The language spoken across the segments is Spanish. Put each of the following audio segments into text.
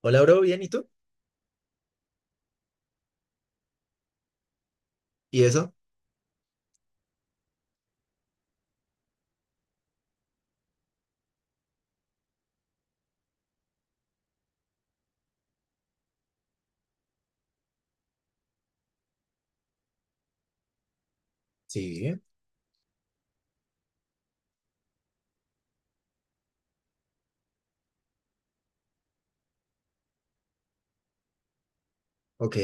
Hola, bro, bien, ¿y tú? ¿Y eso? Sí, ok,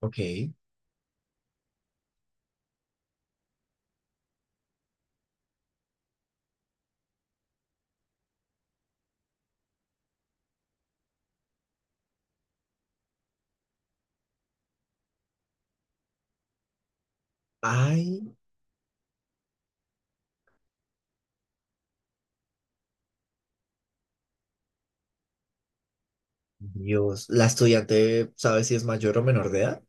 ok. Ay, Dios, ¿la estudiante sabe si es mayor o menor de edad?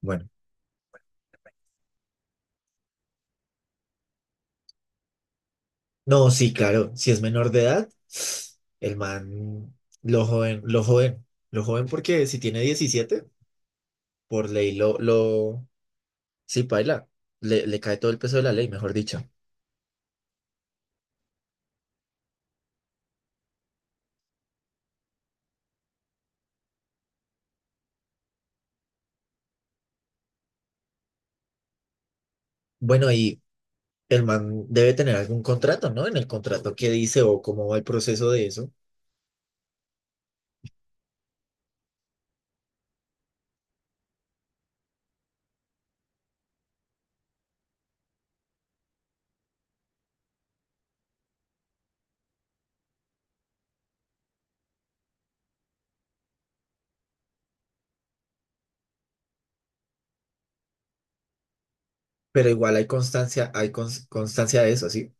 Bueno, no, sí, claro, si es menor de edad, el man, lo joven porque si tiene 17, por ley lo, sí, paila, le cae todo el peso de la ley, mejor dicho. Bueno, y el man debe tener algún contrato, ¿no? En el contrato qué dice o cómo va el proceso de eso, pero igual hay constancia, constancia de eso, ¿sí?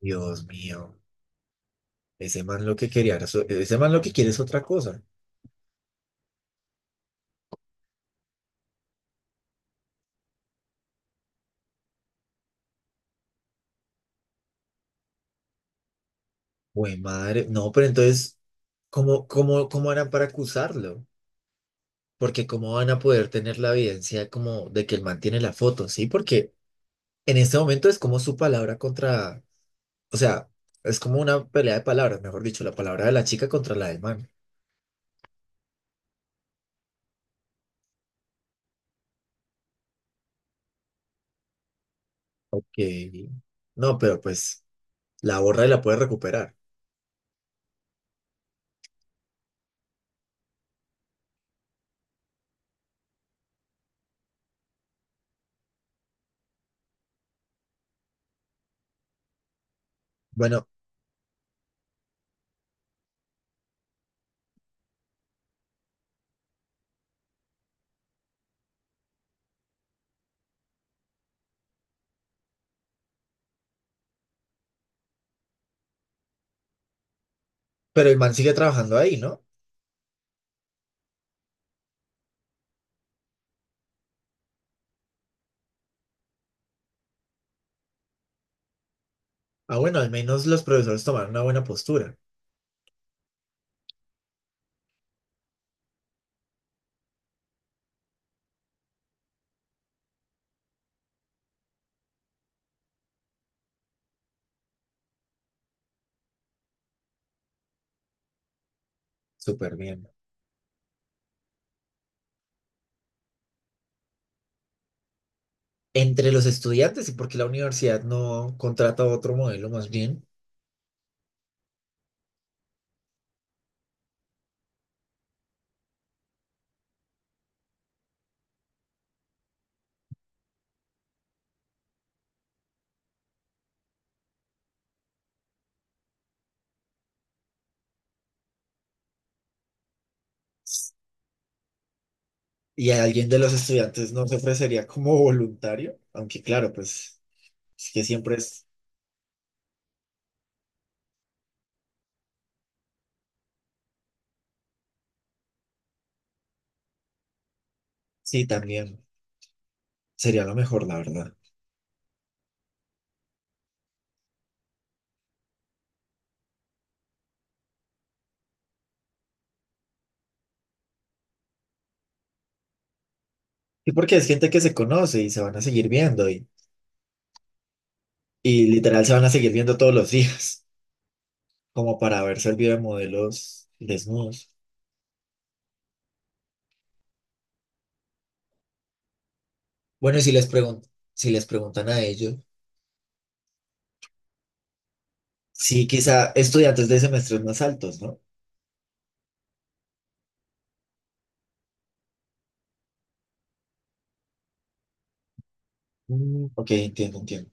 Dios mío, ese man lo que quería, ese man lo que quiere es otra cosa. Güey, madre, no, pero entonces, ¿cómo harán para acusarlo? Porque ¿cómo van a poder tener la evidencia como de que el man tiene la foto? Sí, porque en este momento es como su palabra contra, o sea, es como una pelea de palabras, mejor dicho, la palabra de la chica contra la del man. Ok, no, pero pues la borra y la puede recuperar. Bueno, pero el man sigue trabajando ahí, ¿no? Ah, bueno, al menos los profesores tomaron una buena postura. Súper bien. Entre los estudiantes, y porque la universidad no contrata otro modelo más bien. Y a alguien de los estudiantes no se ofrecería como voluntario, aunque claro, pues es que siempre es, sí, también sería lo mejor, la verdad. Y porque es gente que se conoce y se van a seguir viendo, y literal se van a seguir viendo todos los días, como para haber servido de modelos desnudos. Bueno, si les preguntan a ellos, sí, quizá estudiantes de semestres más altos, ¿no? Mm, ok, entiendo, entiendo.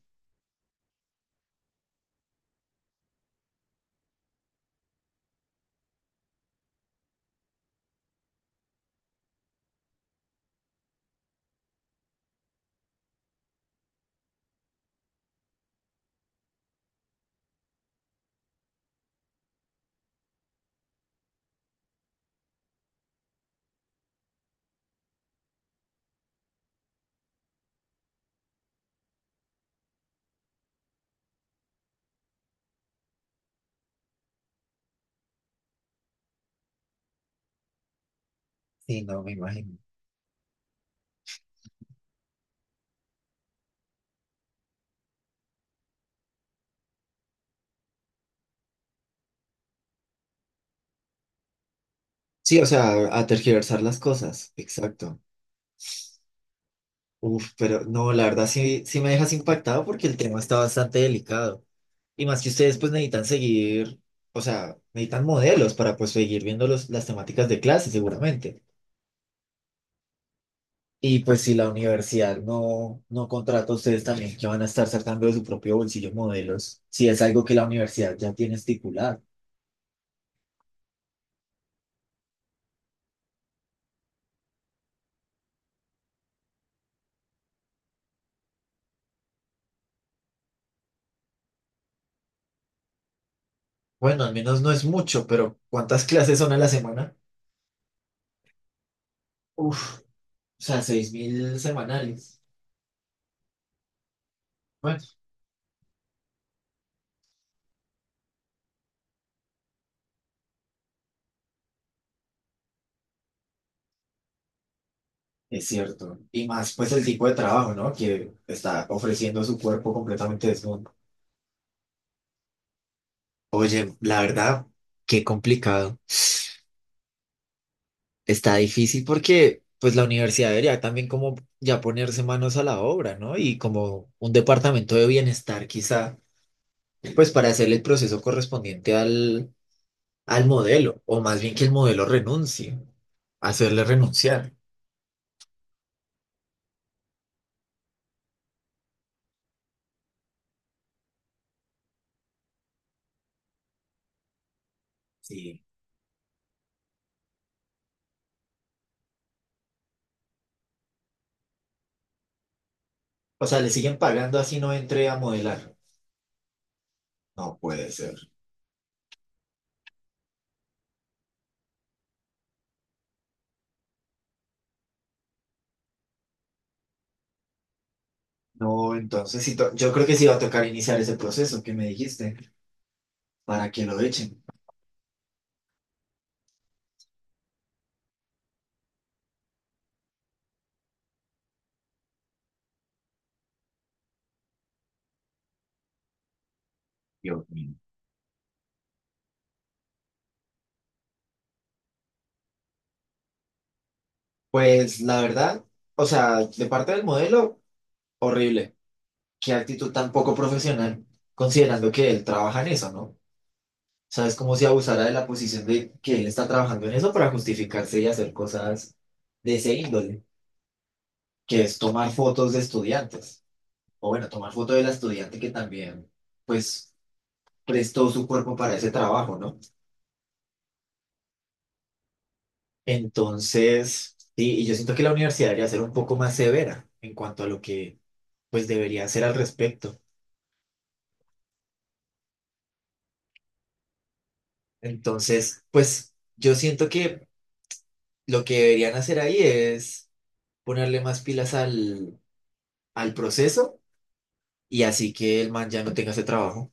Sí, no, me imagino. Sí, o sea, a tergiversar las cosas, exacto. Uf, pero no, la verdad sí, sí me dejas impactado porque el tema está bastante delicado. Y más que ustedes pues necesitan seguir, o sea, necesitan modelos para pues seguir viendo los, las temáticas de clase seguramente. Y pues si la universidad no contrata a ustedes también, que van a estar sacando de su propio bolsillo modelos, si es algo que la universidad ya tiene estipulado. Bueno, al menos no es mucho, pero ¿cuántas clases son a la semana? Uf, o sea, 6.000 semanales. Bueno. Es cierto. Y más pues el tipo de trabajo, ¿no? Que está ofreciendo su cuerpo completamente desnudo. Oye, la verdad, qué complicado. Está difícil porque pues la universidad debería también como ya ponerse manos a la obra, ¿no? Y como un departamento de bienestar quizá, pues para hacer el proceso correspondiente al modelo, o más bien que el modelo renuncie, hacerle renunciar. Sí. O sea, le siguen pagando así no entre a modelar. No puede ser. No, entonces yo creo que sí va a tocar iniciar ese proceso que me dijiste para que lo echen. Dios mío. Pues la verdad, o sea, de parte del modelo, horrible. Qué actitud tan poco profesional, considerando que él trabaja en eso, ¿no? O sea, es como si abusara de la posición de que él está trabajando en eso para justificarse y hacer cosas de ese índole, que es tomar fotos de estudiantes. O bueno, tomar fotos de la estudiante que también, pues, prestó su cuerpo para ese trabajo, ¿no? Entonces, sí, y yo siento que la universidad debería ser un poco más severa en cuanto a lo que pues debería hacer al respecto. Entonces, pues yo siento que lo que deberían hacer ahí es ponerle más pilas al proceso y así que el man ya no tenga ese trabajo.